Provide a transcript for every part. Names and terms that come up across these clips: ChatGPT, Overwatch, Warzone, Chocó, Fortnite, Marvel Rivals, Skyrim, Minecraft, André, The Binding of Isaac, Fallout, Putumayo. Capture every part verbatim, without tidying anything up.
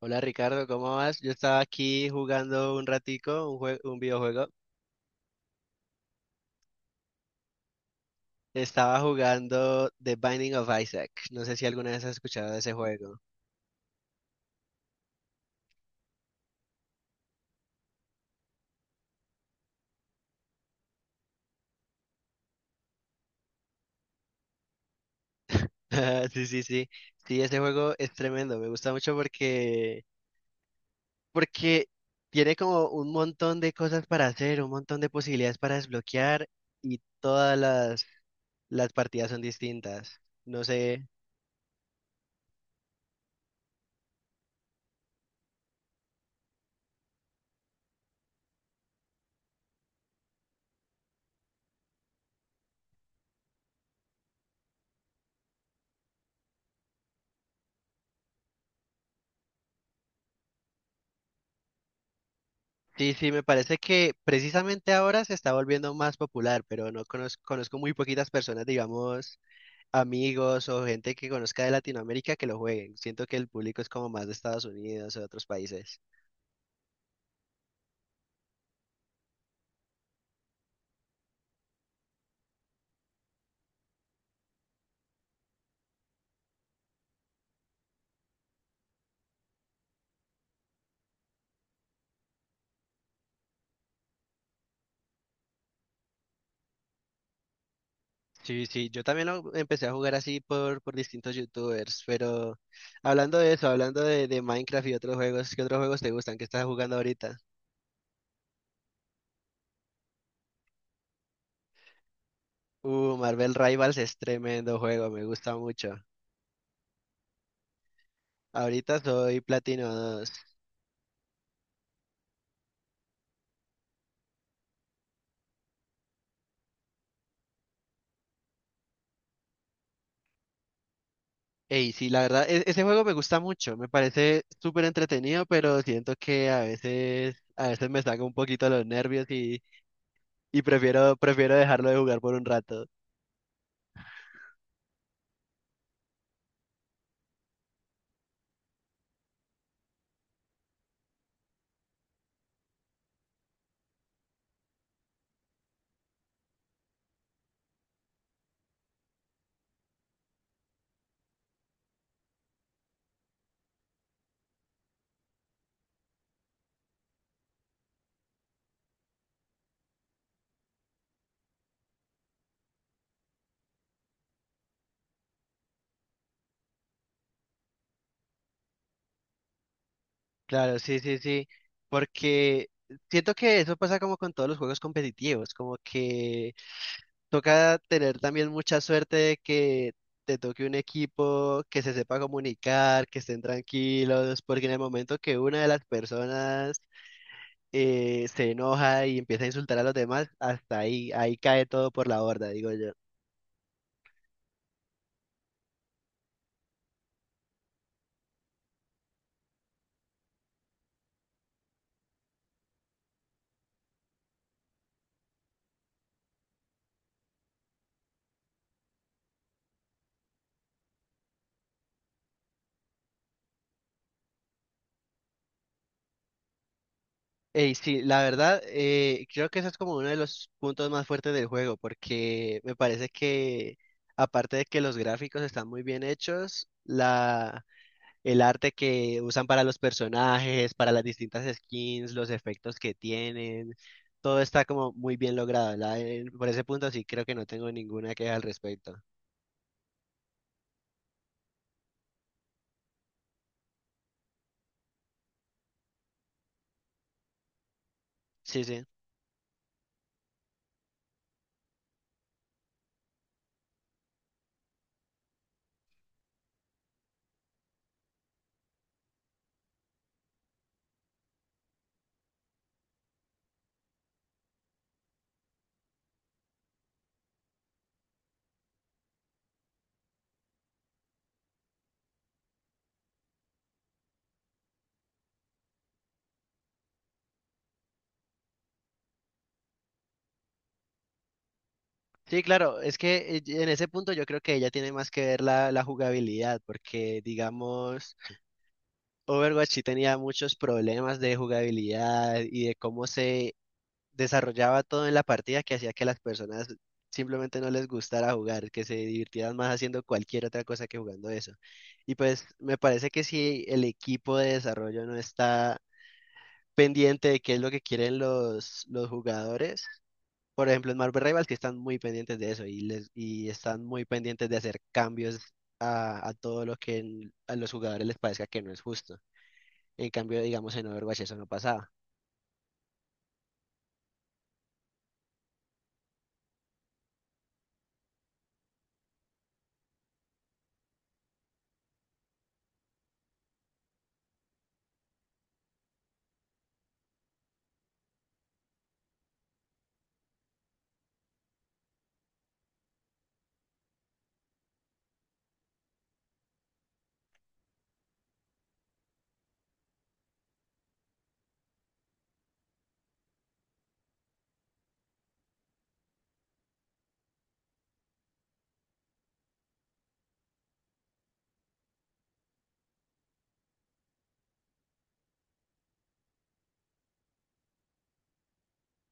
Hola Ricardo, ¿cómo vas? Yo estaba aquí jugando un ratico, un jue- un videojuego. Estaba jugando The Binding of Isaac. No sé si alguna vez has escuchado de ese juego. Sí, sí, sí. Sí, ese juego es tremendo. Me gusta mucho porque, porque tiene como un montón de cosas para hacer, un montón de posibilidades para desbloquear y todas las, las partidas son distintas. No sé. Sí, sí, me parece que precisamente ahora se está volviendo más popular, pero no conozco, conozco muy poquitas personas, digamos, amigos o gente que conozca de Latinoamérica que lo jueguen. Siento que el público es como más de Estados Unidos o de otros países. Sí, sí, yo también lo empecé a jugar así por, por distintos youtubers, pero hablando de eso, hablando de, de Minecraft y otros juegos, ¿qué otros juegos te gustan? ¿Qué estás jugando ahorita? Uh, Marvel Rivals es tremendo juego, me gusta mucho. Ahorita soy Platino dos. Ey, sí, la verdad, e- ese juego me gusta mucho, me parece súper entretenido, pero siento que a veces, a veces me saca un poquito los nervios y, y prefiero, prefiero dejarlo de jugar por un rato. Claro, sí, sí, sí, porque siento que eso pasa como con todos los juegos competitivos, como que toca tener también mucha suerte de que te toque un equipo que se sepa comunicar, que estén tranquilos, porque en el momento que una de las personas eh, se enoja y empieza a insultar a los demás, hasta ahí, ahí cae todo por la borda, digo yo. Ey, sí, la verdad, eh, creo que eso es como uno de los puntos más fuertes del juego, porque me parece que, aparte de que los gráficos están muy bien hechos, la, el arte que usan para los personajes, para las distintas skins, los efectos que tienen, todo está como muy bien logrado, la- eh, por ese punto sí creo que no tengo ninguna queja al respecto. Sí, sí. Sí, claro, es que eh, en ese punto yo creo que ella tiene más que ver la, la jugabilidad, porque digamos, Overwatch sí tenía muchos problemas de jugabilidad y de cómo se desarrollaba todo en la partida que hacía que las personas simplemente no les gustara jugar, que se divirtieran más haciendo cualquier otra cosa que jugando eso. Y pues me parece que si el equipo de desarrollo no está pendiente de qué es lo que quieren los, los jugadores, por ejemplo, en Marvel Rivals que están muy pendientes de eso y, les, y están muy pendientes de hacer cambios a, a todo lo que en- a los jugadores les parezca que no es justo. En cambio, digamos, en Overwatch eso no pasaba.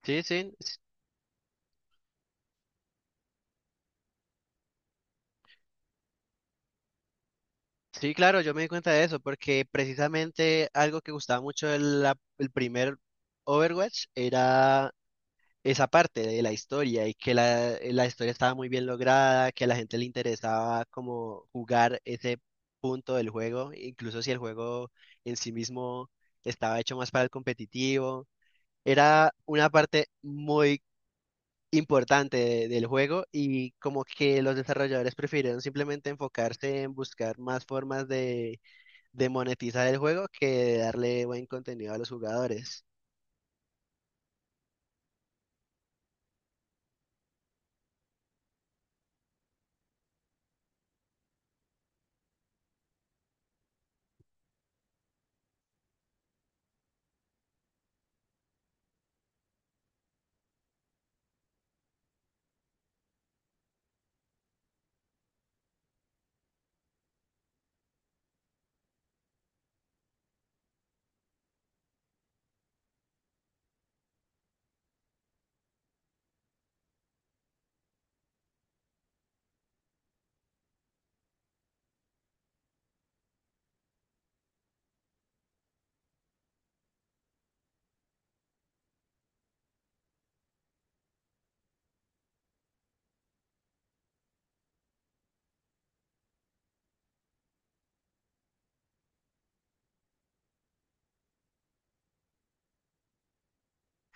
Sí, sí, s- sí, claro, yo me di cuenta de eso, porque precisamente algo que gustaba mucho del la- el primer Overwatch era esa parte de la historia y que la, la historia estaba muy bien lograda, que a la gente le interesaba como jugar ese punto del juego, incluso si el juego en sí mismo estaba hecho más para el competitivo, era una parte muy importante de- del juego y como que los desarrolladores prefirieron simplemente enfocarse en buscar más formas de, de monetizar el juego que de darle buen contenido a los jugadores.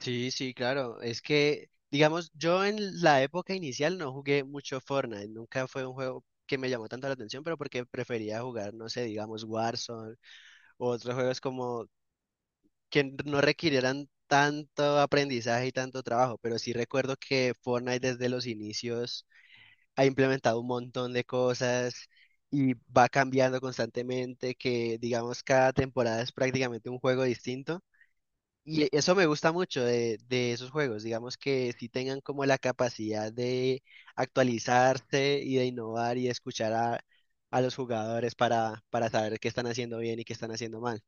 Sí, sí, claro. Es que, digamos, yo en la época inicial no jugué mucho Fortnite. Nunca fue un juego que me llamó tanto la atención, pero porque prefería jugar, no sé, digamos, Warzone o otros juegos como que n- no requirieran tanto aprendizaje y tanto trabajo. Pero sí recuerdo que Fortnite desde los inicios ha implementado un montón de cosas y va cambiando constantemente, que digamos cada temporada es prácticamente un juego distinto. Y eso me gusta mucho de, de esos juegos, digamos que sí tengan como la capacidad de actualizarse y de innovar y de escuchar a, a los jugadores para, para saber qué están haciendo bien y qué están haciendo mal.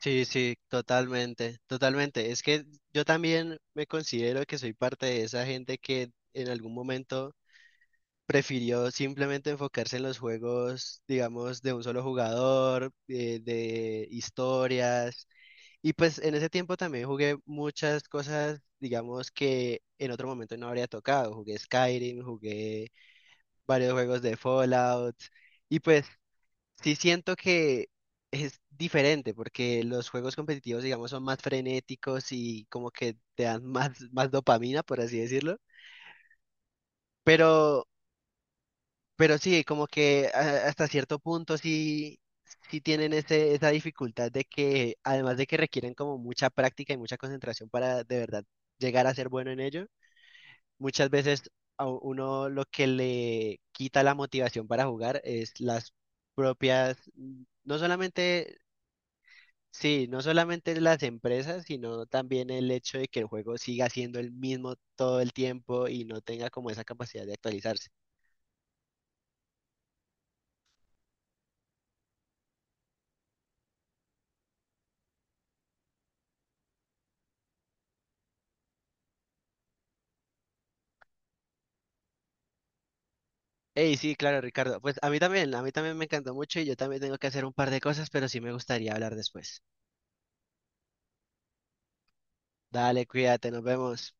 Sí, sí, totalmente, totalmente. Es que yo también me considero que soy parte de esa gente que en algún momento prefirió simplemente enfocarse en los juegos, digamos, de un solo jugador, eh, de historias. Y pues en ese tiempo también jugué muchas cosas, digamos que en otro momento no habría tocado. Jugué Skyrim, jugué varios juegos de Fallout. Y pues sí siento que es diferente porque los juegos competitivos, digamos, son más frenéticos y como que te dan más, más dopamina, por así decirlo. Pero Pero sí, como que a- hasta cierto punto sí, sí tienen ese, esa dificultad de que, además de que requieren como mucha práctica y mucha concentración para de verdad llegar a ser bueno en ello, muchas veces a u- uno lo que le quita la motivación para jugar es las propias, mm, no solamente, sí, no solamente las empresas, sino también el hecho de que el juego siga siendo el mismo todo el tiempo y no tenga como esa capacidad de actualizarse. Ey, sí, claro, Ricardo. Pues a mí también, a mí también me encantó mucho y yo también tengo que hacer un par de cosas, pero sí me gustaría hablar después. Dale, cuídate, nos vemos.